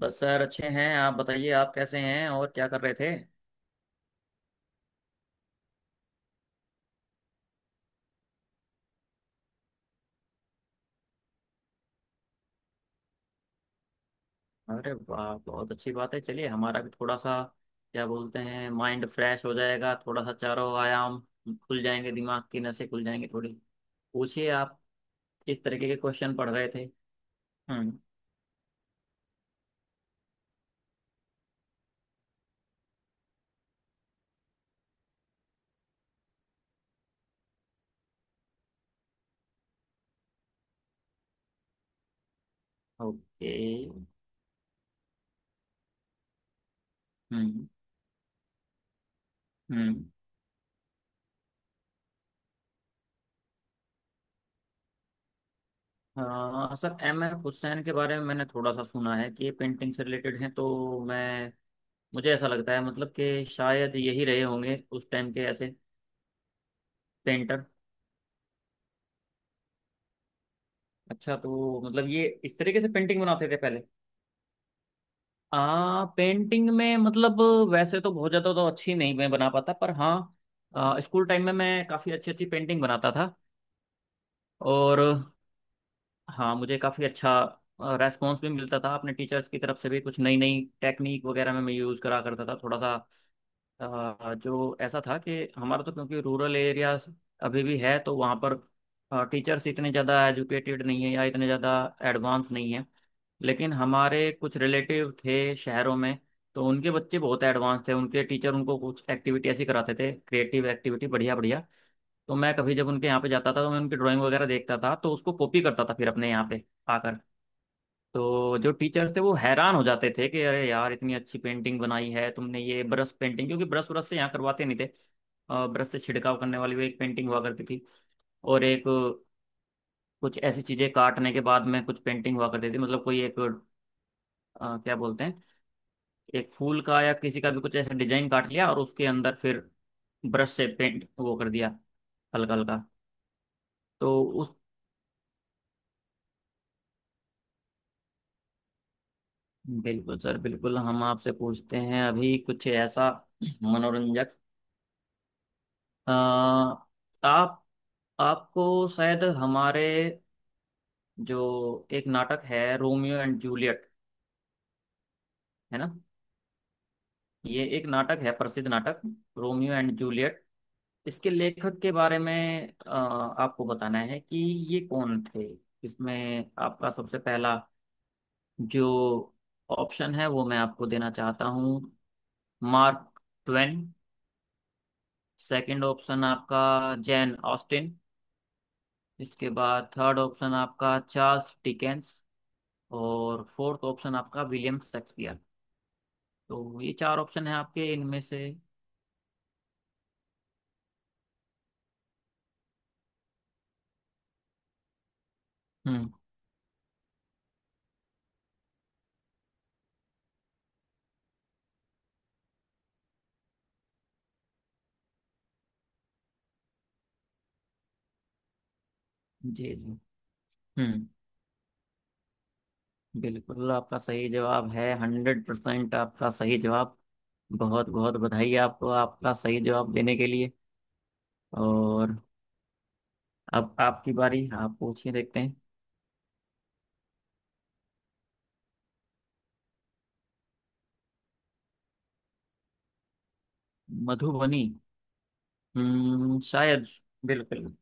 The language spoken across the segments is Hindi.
बस सर अच्छे हैं। आप बताइए, आप कैसे हैं और क्या कर रहे थे? अरे वाह, बहुत अच्छी बात है। चलिए, हमारा भी थोड़ा सा क्या बोलते हैं, माइंड फ्रेश हो जाएगा। थोड़ा सा चारों आयाम खुल जाएंगे, दिमाग की नसें खुल जाएंगी थोड़ी। पूछिए आप, किस तरीके के क्वेश्चन पढ़ रहे थे? हम्म। ओके। हम्म। हम्म। हाँ सर, एम एफ हुसैन के बारे में मैंने थोड़ा सा सुना है कि ये पेंटिंग से रिलेटेड हैं, तो मैं, मुझे ऐसा लगता है, मतलब कि शायद यही रहे होंगे उस टाइम के ऐसे पेंटर। अच्छा, तो मतलब ये इस तरीके से पेंटिंग बनाते थे पहले। आ पेंटिंग में मतलब वैसे तो बहुत ज्यादा तो अच्छी नहीं मैं बना पाता, पर हाँ। स्कूल टाइम में मैं काफी अच्छी अच्छी पेंटिंग बनाता था। और हाँ, मुझे काफी अच्छा रेस्पॉन्स भी मिलता था अपने टीचर्स की तरफ से भी। कुछ नई नई टेक्निक वगैरह में मैं यूज करा करता था थोड़ा सा। जो ऐसा था कि हमारा तो क्योंकि रूरल एरिया अभी भी है, तो वहाँ पर टीचर्स इतने ज़्यादा एजुकेटेड नहीं है या इतने ज़्यादा एडवांस नहीं है। लेकिन हमारे कुछ रिलेटिव थे शहरों में, तो उनके बच्चे बहुत एडवांस थे। उनके टीचर उनको कुछ एक्टिविटी ऐसी कराते थे, क्रिएटिव एक्टिविटी, बढ़िया बढ़िया। तो मैं कभी जब उनके यहाँ पे जाता था तो मैं उनकी ड्राइंग वगैरह देखता था, तो उसको कॉपी करता था फिर अपने यहाँ पे आकर। तो जो टीचर्स थे वो हैरान हो जाते थे कि अरे यार, इतनी अच्छी पेंटिंग बनाई है तुमने। ये ब्रश पेंटिंग, क्योंकि ब्रश ब्रश से यहाँ करवाते नहीं थे। ब्रश से छिड़काव करने वाली वो एक पेंटिंग हुआ करती थी। और एक कुछ ऐसी चीजें काटने के बाद में कुछ पेंटिंग हुआ करती थी। मतलब कोई एक क्या बोलते हैं, एक फूल का या किसी का भी कुछ ऐसा डिजाइन काट लिया और उसके अंदर फिर ब्रश से पेंट वो कर दिया, हल्का हल्का। तो उस बिल्कुल सर, बिल्कुल। हम आपसे पूछते हैं अभी कुछ ऐसा मनोरंजक। अ, आप आपको शायद हमारे, जो एक नाटक है रोमियो एंड जूलियट, है ना। ये एक नाटक है, प्रसिद्ध नाटक, रोमियो एंड जूलियट। इसके लेखक के बारे में आपको बताना है कि ये कौन थे। इसमें आपका सबसे पहला जो ऑप्शन है वो मैं आपको देना चाहता हूँ, मार्क ट्वेन। सेकंड ऑप्शन आपका, जैन ऑस्टिन। इसके बाद थर्ड ऑप्शन आपका, चार्ल्स डिकेंस। और फोर्थ ऑप्शन आपका, विलियम शेक्सपियर। तो ये चार ऑप्शन है आपके, इनमें से। हम्म। जी जी। हम्म। बिल्कुल, आपका सही जवाब है। हंड्रेड परसेंट आपका सही जवाब। बहुत बहुत बधाई आपको आपका सही जवाब देने के लिए। और अब आपकी बारी, आप पूछिए, देखते हैं। मधुबनी। हम्म, शायद। बिल्कुल।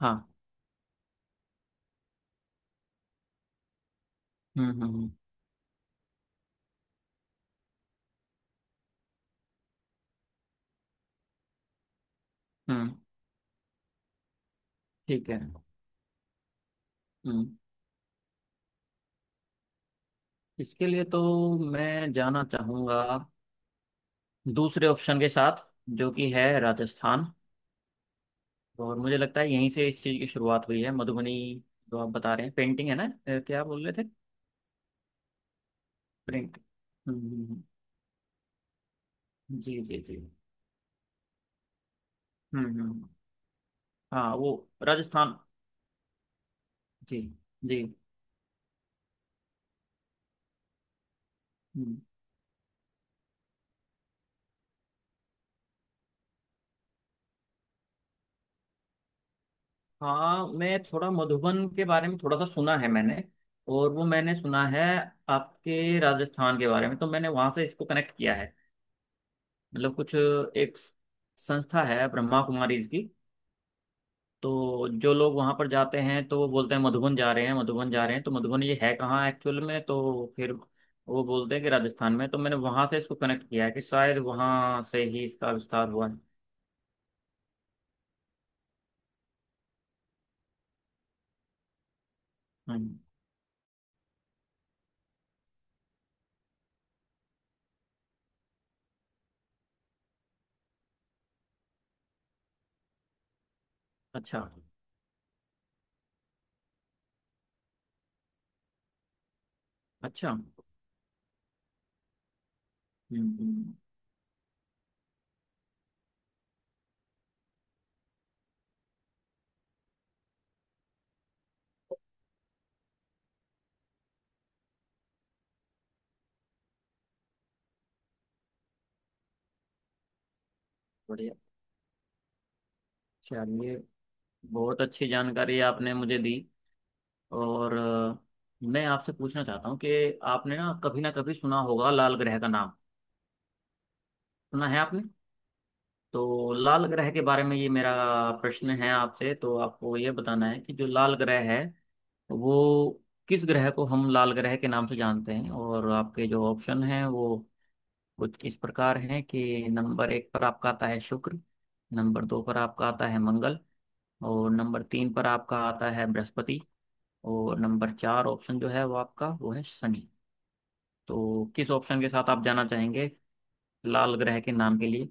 हाँ। हम्म। हम्म, ठीक है। हम्म। इसके लिए तो मैं जाना चाहूंगा दूसरे ऑप्शन के साथ, जो कि है राजस्थान। और मुझे लगता है यहीं से इस चीज़ की शुरुआत हुई है, मधुबनी, जो आप बता रहे हैं, पेंटिंग है ना क्या बोल रहे थे? प्रिंट। हम्म हम्म, हम्म, जी जी जी। हम्म हम्म हम्म। हाँ वो राजस्थान। जी जी। हम्म। हाँ, मैं थोड़ा मधुबन के बारे में थोड़ा सा सुना है मैंने। और वो मैंने सुना है आपके, राजस्थान के बारे में, तो मैंने वहां से इसको कनेक्ट किया है। मतलब कुछ एक संस्था है ब्रह्मा कुमारीज की, तो जो लोग वहां पर जाते हैं तो वो बोलते हैं मधुबन जा रहे हैं, मधुबन जा रहे हैं। तो मधुबन ये है कहाँ एक्चुअल में, तो फिर वो बोलते हैं कि राजस्थान में, तो मैंने वहां से इसको कनेक्ट किया है कि शायद वहां से ही इसका विस्तार हुआ है। हम्म। अच्छा। अच्छा। हम्म। बढ़िया। चलिए, बहुत अच्छी जानकारी आपने मुझे दी। और मैं आपसे पूछना चाहता हूँ कि आपने ना कभी सुना होगा लाल ग्रह का नाम। सुना है आपने? तो लाल ग्रह के बारे में ये मेरा प्रश्न है आपसे। तो आपको ये बताना है कि जो लाल ग्रह है वो, किस ग्रह को हम लाल ग्रह के नाम से जानते हैं। और आपके जो ऑप्शन हैं वो कुछ इस प्रकार हैं कि नंबर एक पर आपका आता है शुक्र। नंबर दो पर आपका आता है मंगल। और नंबर तीन पर आपका आता है बृहस्पति। और नंबर चार ऑप्शन जो है वो आपका, वो है शनि। तो किस ऑप्शन के साथ आप जाना चाहेंगे लाल ग्रह के नाम के लिए?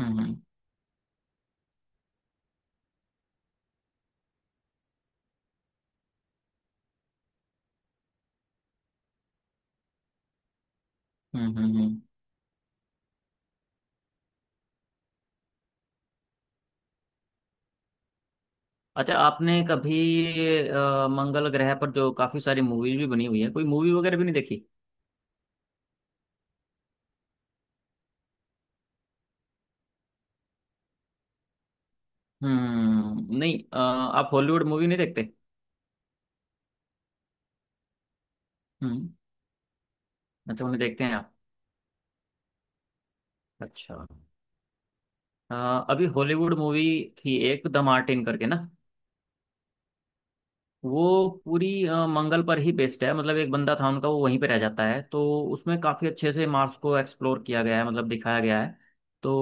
हम्म। हम्म। अच्छा, आपने कभी मंगल ग्रह पर जो काफी सारी मूवीज भी बनी हुई है, कोई मूवी वगैरह भी नहीं देखी? हम्म, नहीं। आप हॉलीवुड मूवी नहीं देखते? हम्म। अच्छा, उन्हें देखते हैं आप। अच्छा। अ, अभी हॉलीवुड मूवी थी एक, द मार्टिन करके ना। वो पूरी मंगल पर ही बेस्ड है। मतलब एक बंदा था उनका, वो वहीं पे रह जाता है। तो उसमें काफी अच्छे से मार्स को एक्सप्लोर किया गया है, मतलब दिखाया गया है। तो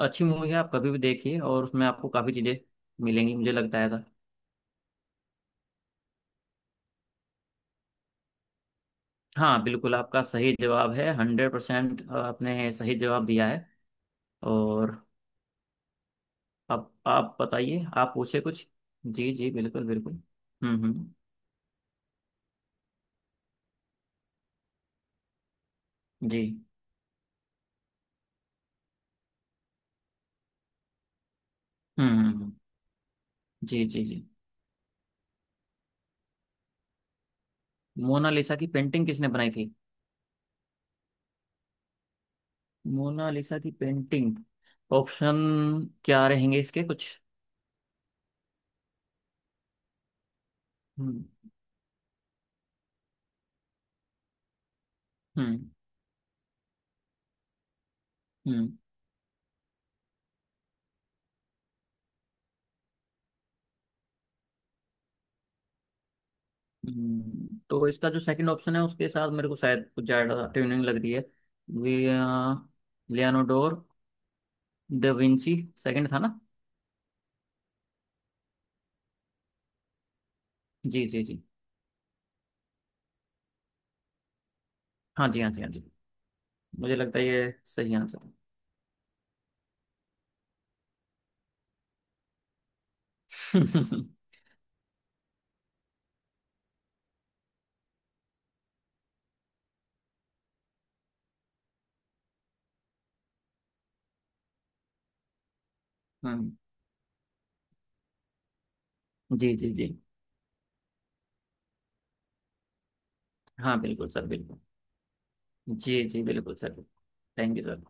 अच्छी मूवी है, आप कभी भी देखिए, और उसमें आपको काफी चीजें मिलेंगी, मुझे लगता है ऐसा। हाँ बिल्कुल, आपका सही जवाब है। हंड्रेड परसेंट आपने सही जवाब दिया है। और अब आप बताइए, आप पूछे कुछ। जी जी, बिल्कुल बिल्कुल। हम्म। जी। हम्म। जी जी जी। मोनालिसा की पेंटिंग किसने बनाई थी? मोनालिसा की पेंटिंग। ऑप्शन क्या रहेंगे इसके कुछ? हम्म। हम्म। हम्म। तो इसका जो सेकंड ऑप्शन है उसके साथ मेरे को शायद कुछ ज़्यादा ट्यूनिंग लग रही है। वे, लियानोडोर द विंची। सेकंड था ना? जी जी जी। हाँ जी, हाँ जी, हाँ जी। मुझे लगता है ये सही आंसर है। हम्म। जी जी जी। हाँ बिल्कुल सर, बिल्कुल। जी जी बिल्कुल सर। Thank you sir.